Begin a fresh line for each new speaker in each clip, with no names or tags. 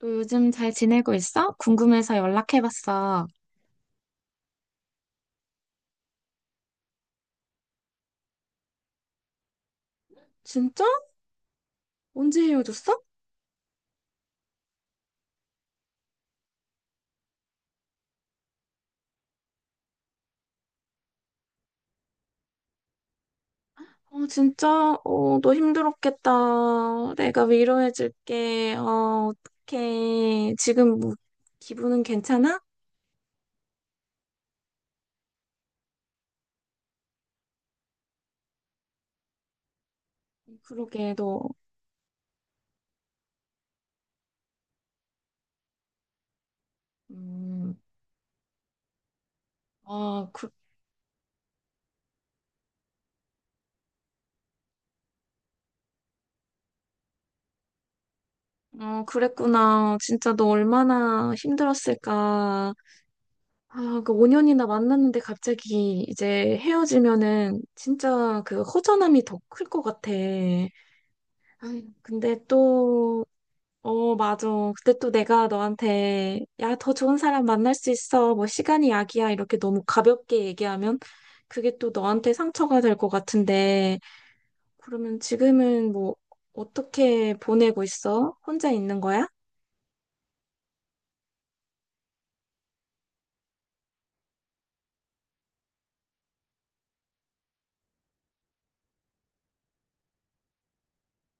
너 요즘 잘 지내고 있어? 궁금해서 연락해봤어. 진짜? 언제 헤어졌어? 진짜? 너 힘들었겠다. 내가 위로해줄게. 어떡해. 지금 뭐, 기분은 괜찮아? 그러게, 너. 음, 아, 그, 그랬구나. 진짜 너 얼마나 힘들었을까. 아, 그 5년이나 만났는데 갑자기 이제 헤어지면은 진짜 그 허전함이 더 클 것 같아. 아유, 근데 또, 맞아. 그때 또 내가 너한테, 야, 더 좋은 사람 만날 수 있어. 뭐, 시간이 약이야. 이렇게 너무 가볍게 얘기하면, 그게 또 너한테 상처가 될 것 같은데, 그러면 지금은 뭐, 어떻게 보내고 있어? 혼자 있는 거야?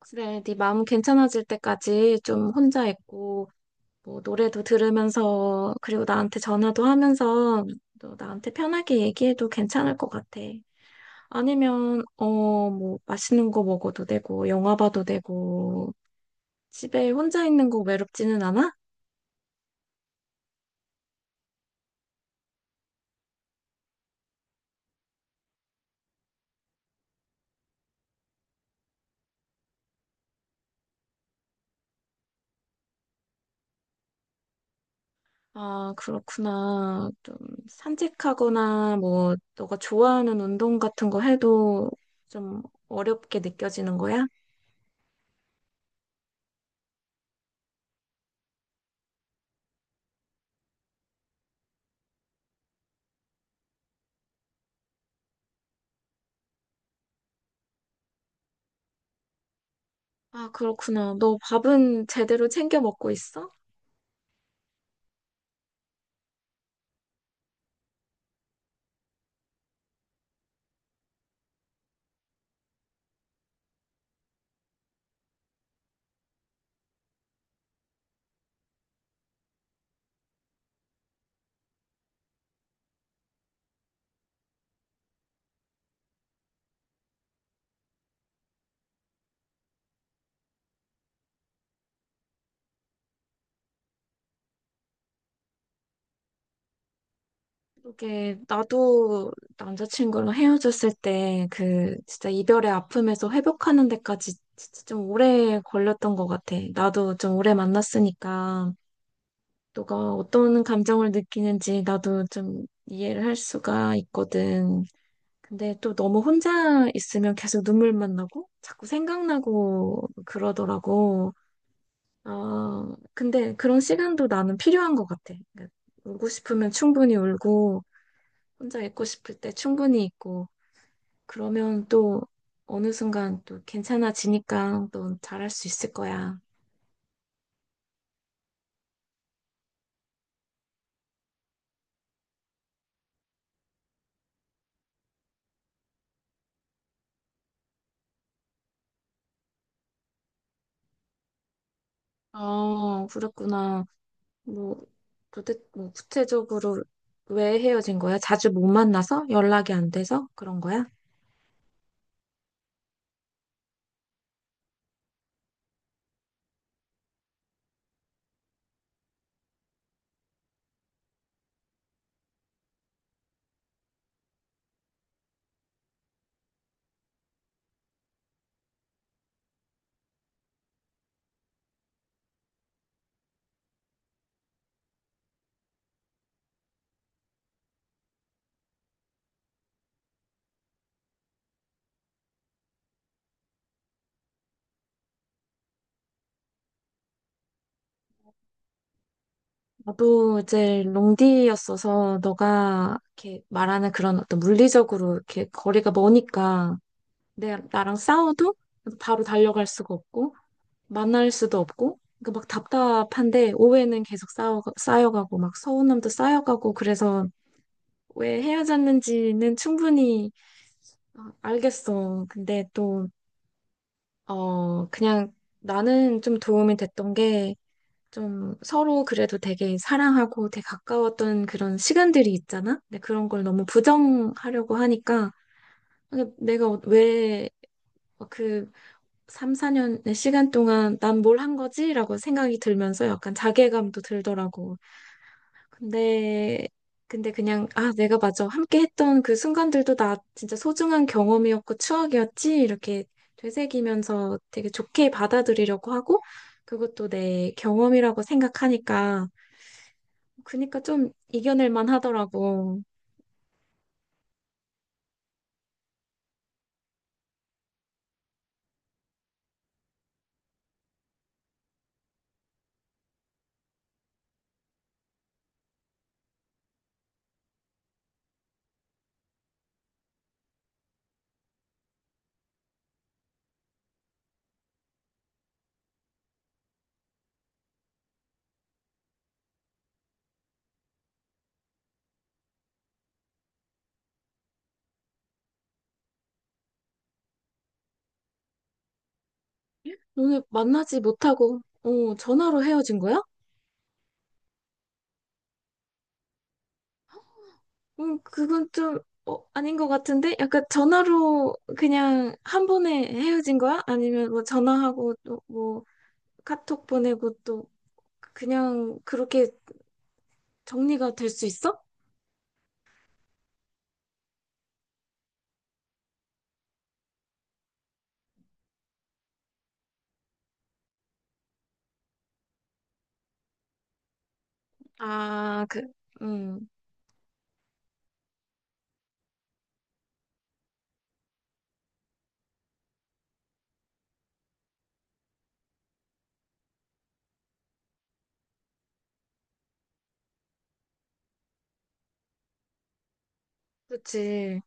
그래, 네 마음 괜찮아질 때까지 좀 혼자 있고, 뭐, 노래도 들으면서, 그리고 나한테 전화도 하면서, 너 나한테 편하게 얘기해도 괜찮을 것 같아. 아니면, 뭐, 맛있는 거 먹어도 되고, 영화 봐도 되고, 집에 혼자 있는 거 외롭지는 않아? 아, 그렇구나. 좀 산책하거나, 뭐, 너가 좋아하는 운동 같은 거 해도 좀 어렵게 느껴지는 거야? 아, 그렇구나. 너 밥은 제대로 챙겨 먹고 있어? 그게 나도 남자친구랑 헤어졌을 때 그 진짜 이별의 아픔에서 회복하는 데까지 진짜 좀 오래 걸렸던 것 같아. 나도 좀 오래 만났으니까 너가 어떤 감정을 느끼는지 나도 좀 이해를 할 수가 있거든. 근데 또 너무 혼자 있으면 계속 눈물만 나고 자꾸 생각나고 그러더라고. 아, 근데 그런 시간도 나는 필요한 것 같아. 그러니까 울고 싶으면 충분히 울고 혼자 있고 싶을 때 충분히 있고, 그러면 또 어느 순간 또 괜찮아지니까 또 잘할 수 있을 거야. 그랬구나. 뭐, 뭐, 구체적으로 왜 헤어진 거야? 자주 못 만나서? 연락이 안 돼서? 그런 거야? 나도 이제 롱디였어서 너가 이렇게 말하는 그런 어떤 물리적으로 이렇게 거리가 머니까 나랑 싸워도 바로 달려갈 수가 없고, 만날 수도 없고, 그러니까 막 답답한데, 오해는 계속 쌓여가고, 막 서운함도 쌓여가고, 그래서 왜 헤어졌는지는 충분히 알겠어. 근데 또, 그냥 나는 좀 도움이 됐던 게, 좀 서로 그래도 되게 사랑하고 되게 가까웠던 그런 시간들이 있잖아? 근데 그런 걸 너무 부정하려고 하니까, 아, 내가 왜그 3, 4년의 시간 동안 난 뭘 한 거지? 라고 생각이 들면서 약간 자괴감도 들더라고. 근데, 근데 그냥, 아, 내가 맞아. 함께 했던 그 순간들도 나 진짜 소중한 경험이었고 추억이었지? 이렇게 되새기면서 되게 좋게 받아들이려고 하고, 그것도 내 경험이라고 생각하니까, 그니까 좀 이겨낼 만 하더라고. 오늘 만나지 못하고, 전화로 헤어진 거야? 그건 좀 아닌 것 같은데? 약간 전화로 그냥 한 번에 헤어진 거야? 아니면 뭐 전화하고 또 뭐 카톡 보내고 또 그냥 그렇게 정리가 될 수 있어? 아, 그, 음, 그치.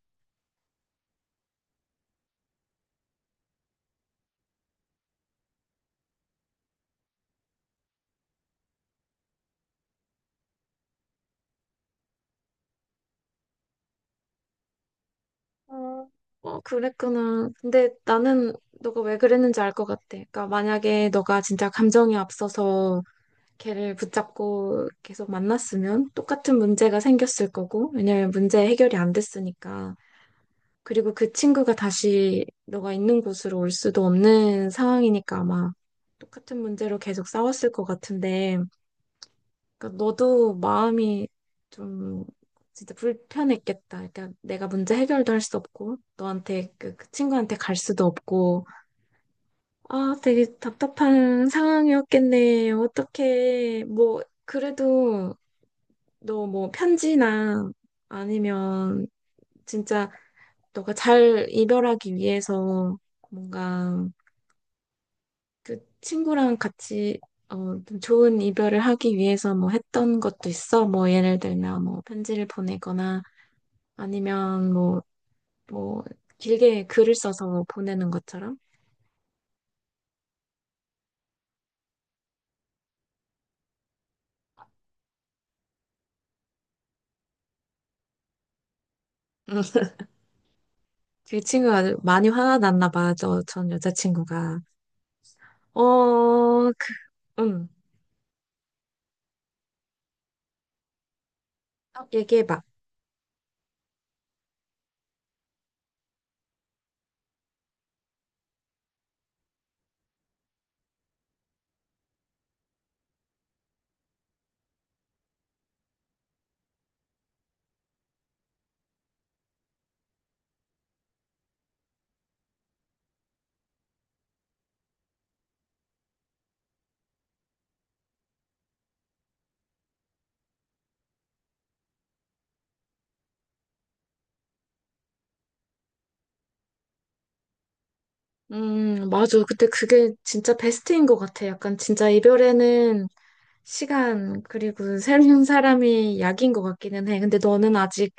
어, 그랬구나. 근데 나는 너가 왜 그랬는지 알 것 같아. 그러니까 만약에 너가 진짜 감정이 앞서서 걔를 붙잡고 계속 만났으면 똑같은 문제가 생겼을 거고, 왜냐면 문제 해결이 안 됐으니까. 그리고 그 친구가 다시 너가 있는 곳으로 올 수도 없는 상황이니까 아마 똑같은 문제로 계속 싸웠을 것 같은데, 그러니까 너도 마음이 좀 진짜 불편했겠다. 그러니까 내가 문제 해결도 할 수 없고, 너한테 그 친구한테 갈 수도 없고, 아, 되게 답답한 상황이었겠네. 어떡해. 뭐, 그래도 너 뭐 편지나 아니면 진짜 너가 잘 이별하기 위해서 뭔가 그 친구랑 같이 좀 좋은 이별을 하기 위해서 뭐 했던 것도 있어. 뭐 예를 들면 뭐 편지를 보내거나 아니면 뭐, 뭐 길게 글을 써서 보내는 것처럼. 음. 그 친구가 많이 화났나 봐. 전 여자친구가. 어, 그, 응. 딱 얘기해봐. 맞아. 근데 그게 진짜 베스트인 것 같아. 약간 진짜 이별에는 시간, 그리고 새로운 사람이 약인 것 같기는 해. 근데 너는 아직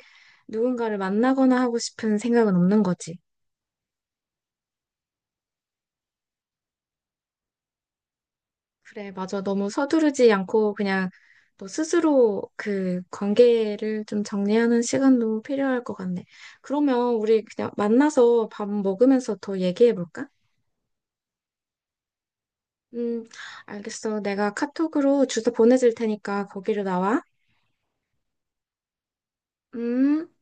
누군가를 만나거나 하고 싶은 생각은 없는 거지. 그래, 맞아. 너무 서두르지 않고 그냥 너 스스로 그 관계를 좀 정리하는 시간도 필요할 것 같네. 그러면 우리 그냥 만나서 밥 먹으면서 더 얘기해 볼까? 음, 알겠어. 내가 카톡으로 주소 보내줄 테니까 거기로 나와. 음.